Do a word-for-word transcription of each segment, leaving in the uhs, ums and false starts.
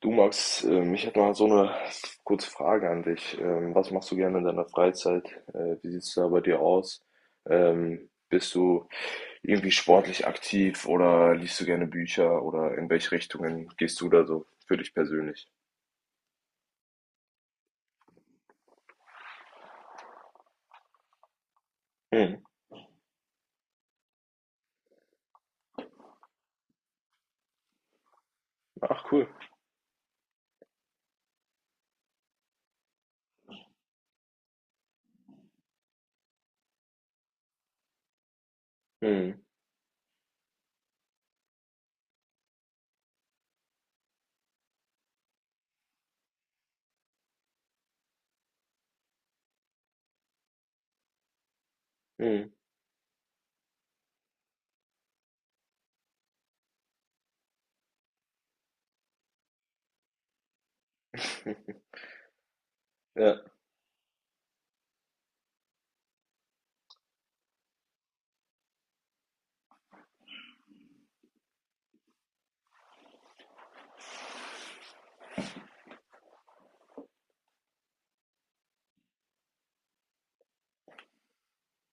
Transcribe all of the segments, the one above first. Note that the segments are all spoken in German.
Du Max, ähm, ich hätte mal so eine kurze Frage an dich. Ähm, Was machst du gerne in deiner Freizeit? Äh, Wie sieht es da bei dir aus? Ähm, Bist du irgendwie sportlich aktiv oder liest du gerne Bücher oder in welche Richtungen gehst du da so für dich persönlich? Mhm. Ach, cool. Mhm. Mhm. Ja.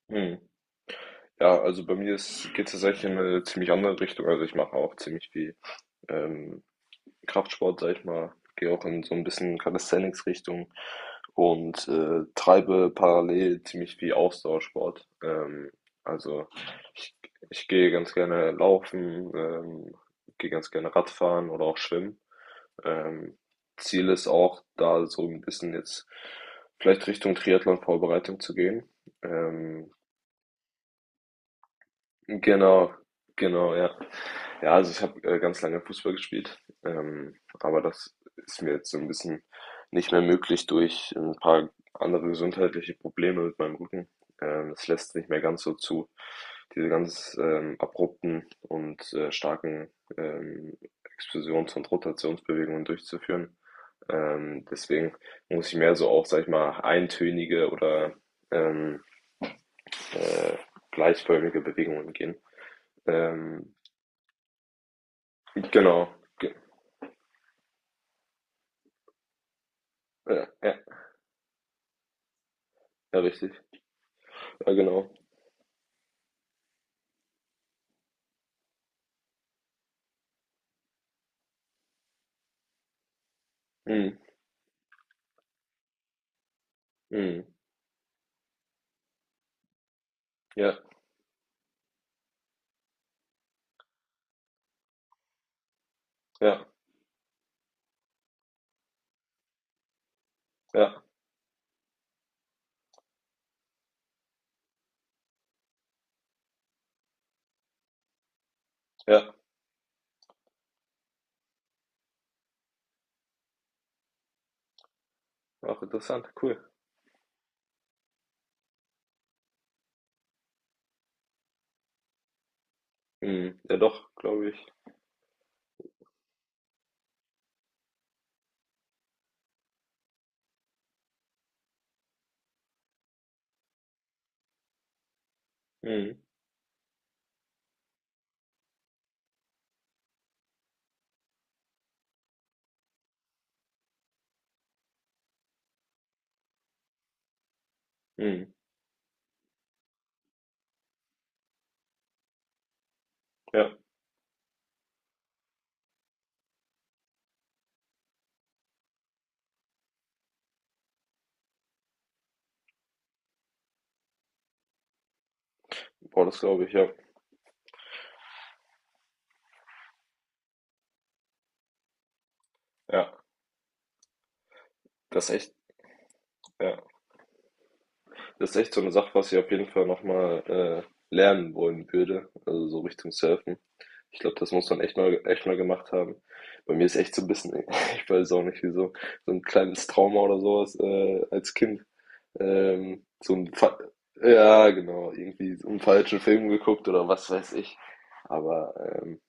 Mhm. Ja, also bei mir geht es tatsächlich in eine ziemlich andere Richtung. Also ich mache auch ziemlich viel ähm, Kraftsport, sage ich mal, gehe auch in so ein bisschen Calisthenics-Richtung und äh, treibe parallel ziemlich viel Ausdauersport. Ähm, also ich, ich gehe ganz gerne laufen, ähm, gehe ganz gerne Radfahren oder auch schwimmen. Ähm, Ziel ist auch, da so ein bisschen jetzt vielleicht Richtung Triathlon-Vorbereitung zu gehen. Ähm, genau, genau, ja. Ja, also ich habe äh, ganz lange Fußball gespielt, ähm, aber das ist mir jetzt so ein bisschen nicht mehr möglich durch ein paar andere gesundheitliche Probleme mit meinem Rücken. Ähm, das lässt nicht mehr ganz so zu, diese ganz ähm, abrupten und äh, starken ähm, Explosions- und Rotationsbewegungen durchzuführen. Ähm, deswegen muss ich mehr so auch, sag ich mal, eintönige oder ähm, äh, gleichförmige Bewegungen gehen. Ähm, genau. Ge- äh, ja. Ja, richtig. Ja, genau. Mhm. Mhm. Ja, ja, ja, ja. Auch interessant, cool. Mhm. Ja, doch, glaube ich. Mhm. Mhm. Ja, boah, das glaube ich, ja. Ja, das ist echt, ja. Das ist echt so eine Sache, was ich auf jeden Fall nochmal äh, lernen wollen würde. Also so Richtung Surfen. Ich glaube, das muss man echt mal, echt mal gemacht haben. Bei mir ist echt so ein bisschen, ich weiß auch nicht wieso, so so ein kleines Trauma oder sowas äh, als Kind. Ähm, so ein Fa ja, genau, irgendwie so 'n falschen Film geguckt oder was weiß ich. Aber, ähm,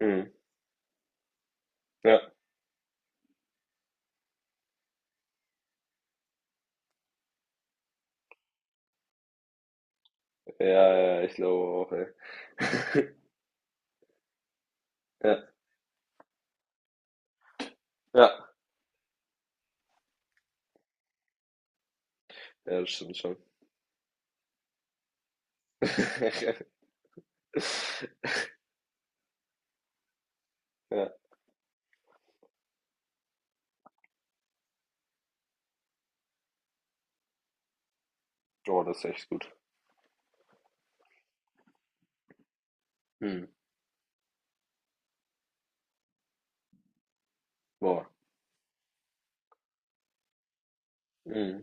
mhm, ja, ja, ja, ja, ich glaube auch, ey. Ja, ja, ja, das stimmt schon. Ja, oh, das ist echt gut. Mhm, boah, mhm,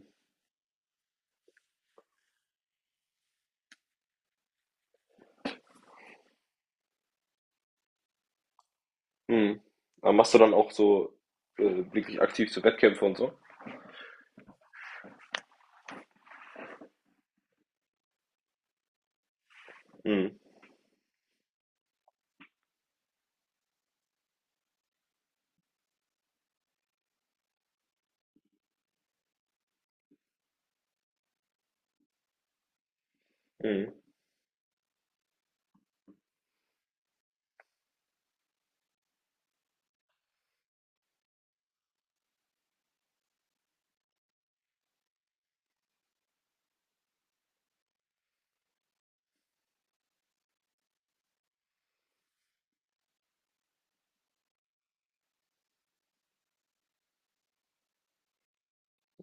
mhm. Aber machst du dann auch so, äh, wirklich aktiv zu Wettkämpfe und so? Mhm, mhm,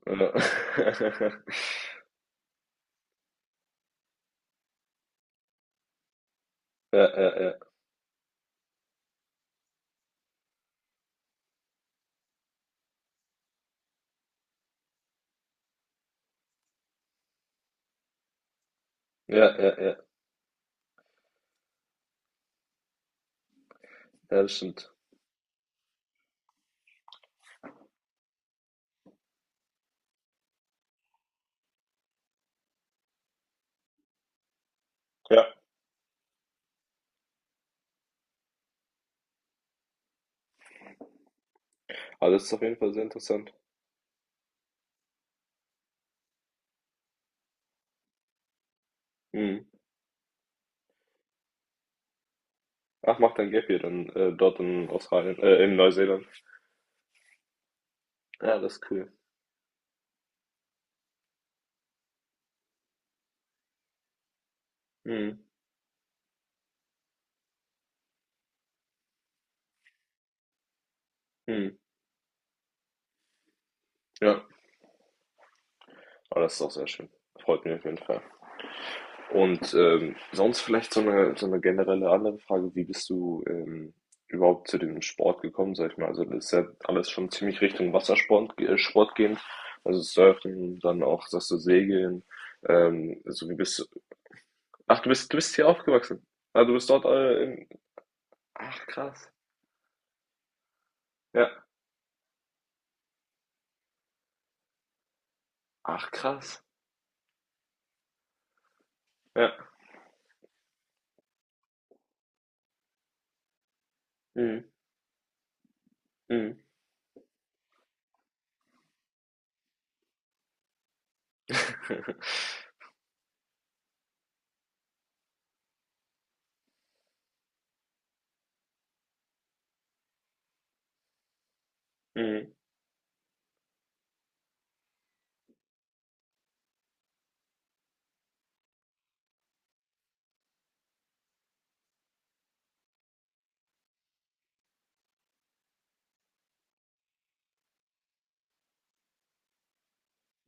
ja. Ja, ja, ja. Ja, ja, ja. Ja, das stimmt. Ja, aber das ist auf jeden Fall sehr interessant. Mhm. Ach, macht dann Gap Year dann äh, dort in Australien, äh, in Neuseeland. Ja, das ist cool. Mhm. Mhm. Ja, aber das ist auch sehr schön. Freut mich auf jeden Fall. Und ähm, sonst vielleicht so eine, so eine generelle andere Frage, wie bist du ähm, überhaupt zu dem Sport gekommen, sag ich mal? Also das ist ja alles schon ziemlich Richtung Wassersport äh, Sport gehend. Also Surfen, dann auch, sagst du, Segeln. Ähm, also wie bist du? Ach, du bist, du bist hier aufgewachsen. Ah, du bist dort äh, in... Ach, krass. Ja. Ach, krass. Ja. Mhm. Mhm. Mhm.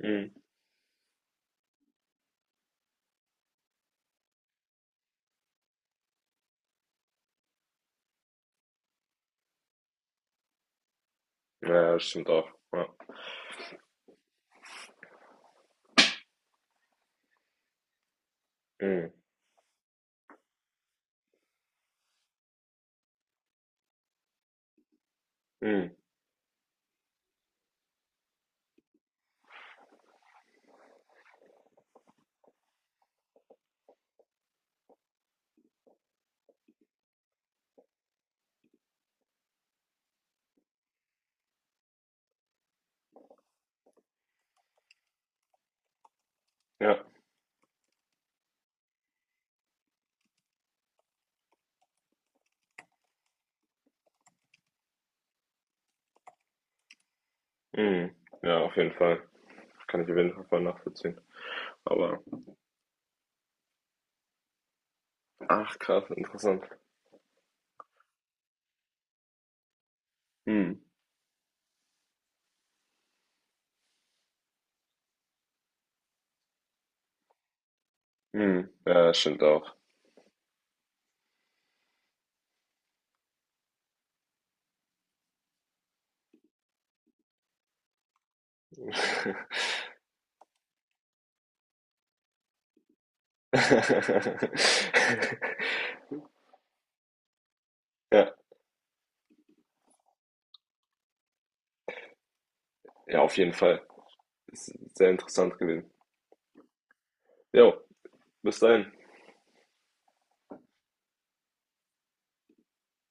Mhm. Ja, das stimmt auch. Ja. Mhm. Mhm. Ja. Mhm. Ja, auf jeden Fall. Kann ich auf jeden Fall voll nachvollziehen. Aber, ach krass, interessant. Mhm. Mhm. Ja, das stimmt auch. Ja, ja, auf jeden Fall. Ist sehr interessant gewesen. Jo, bis dahin.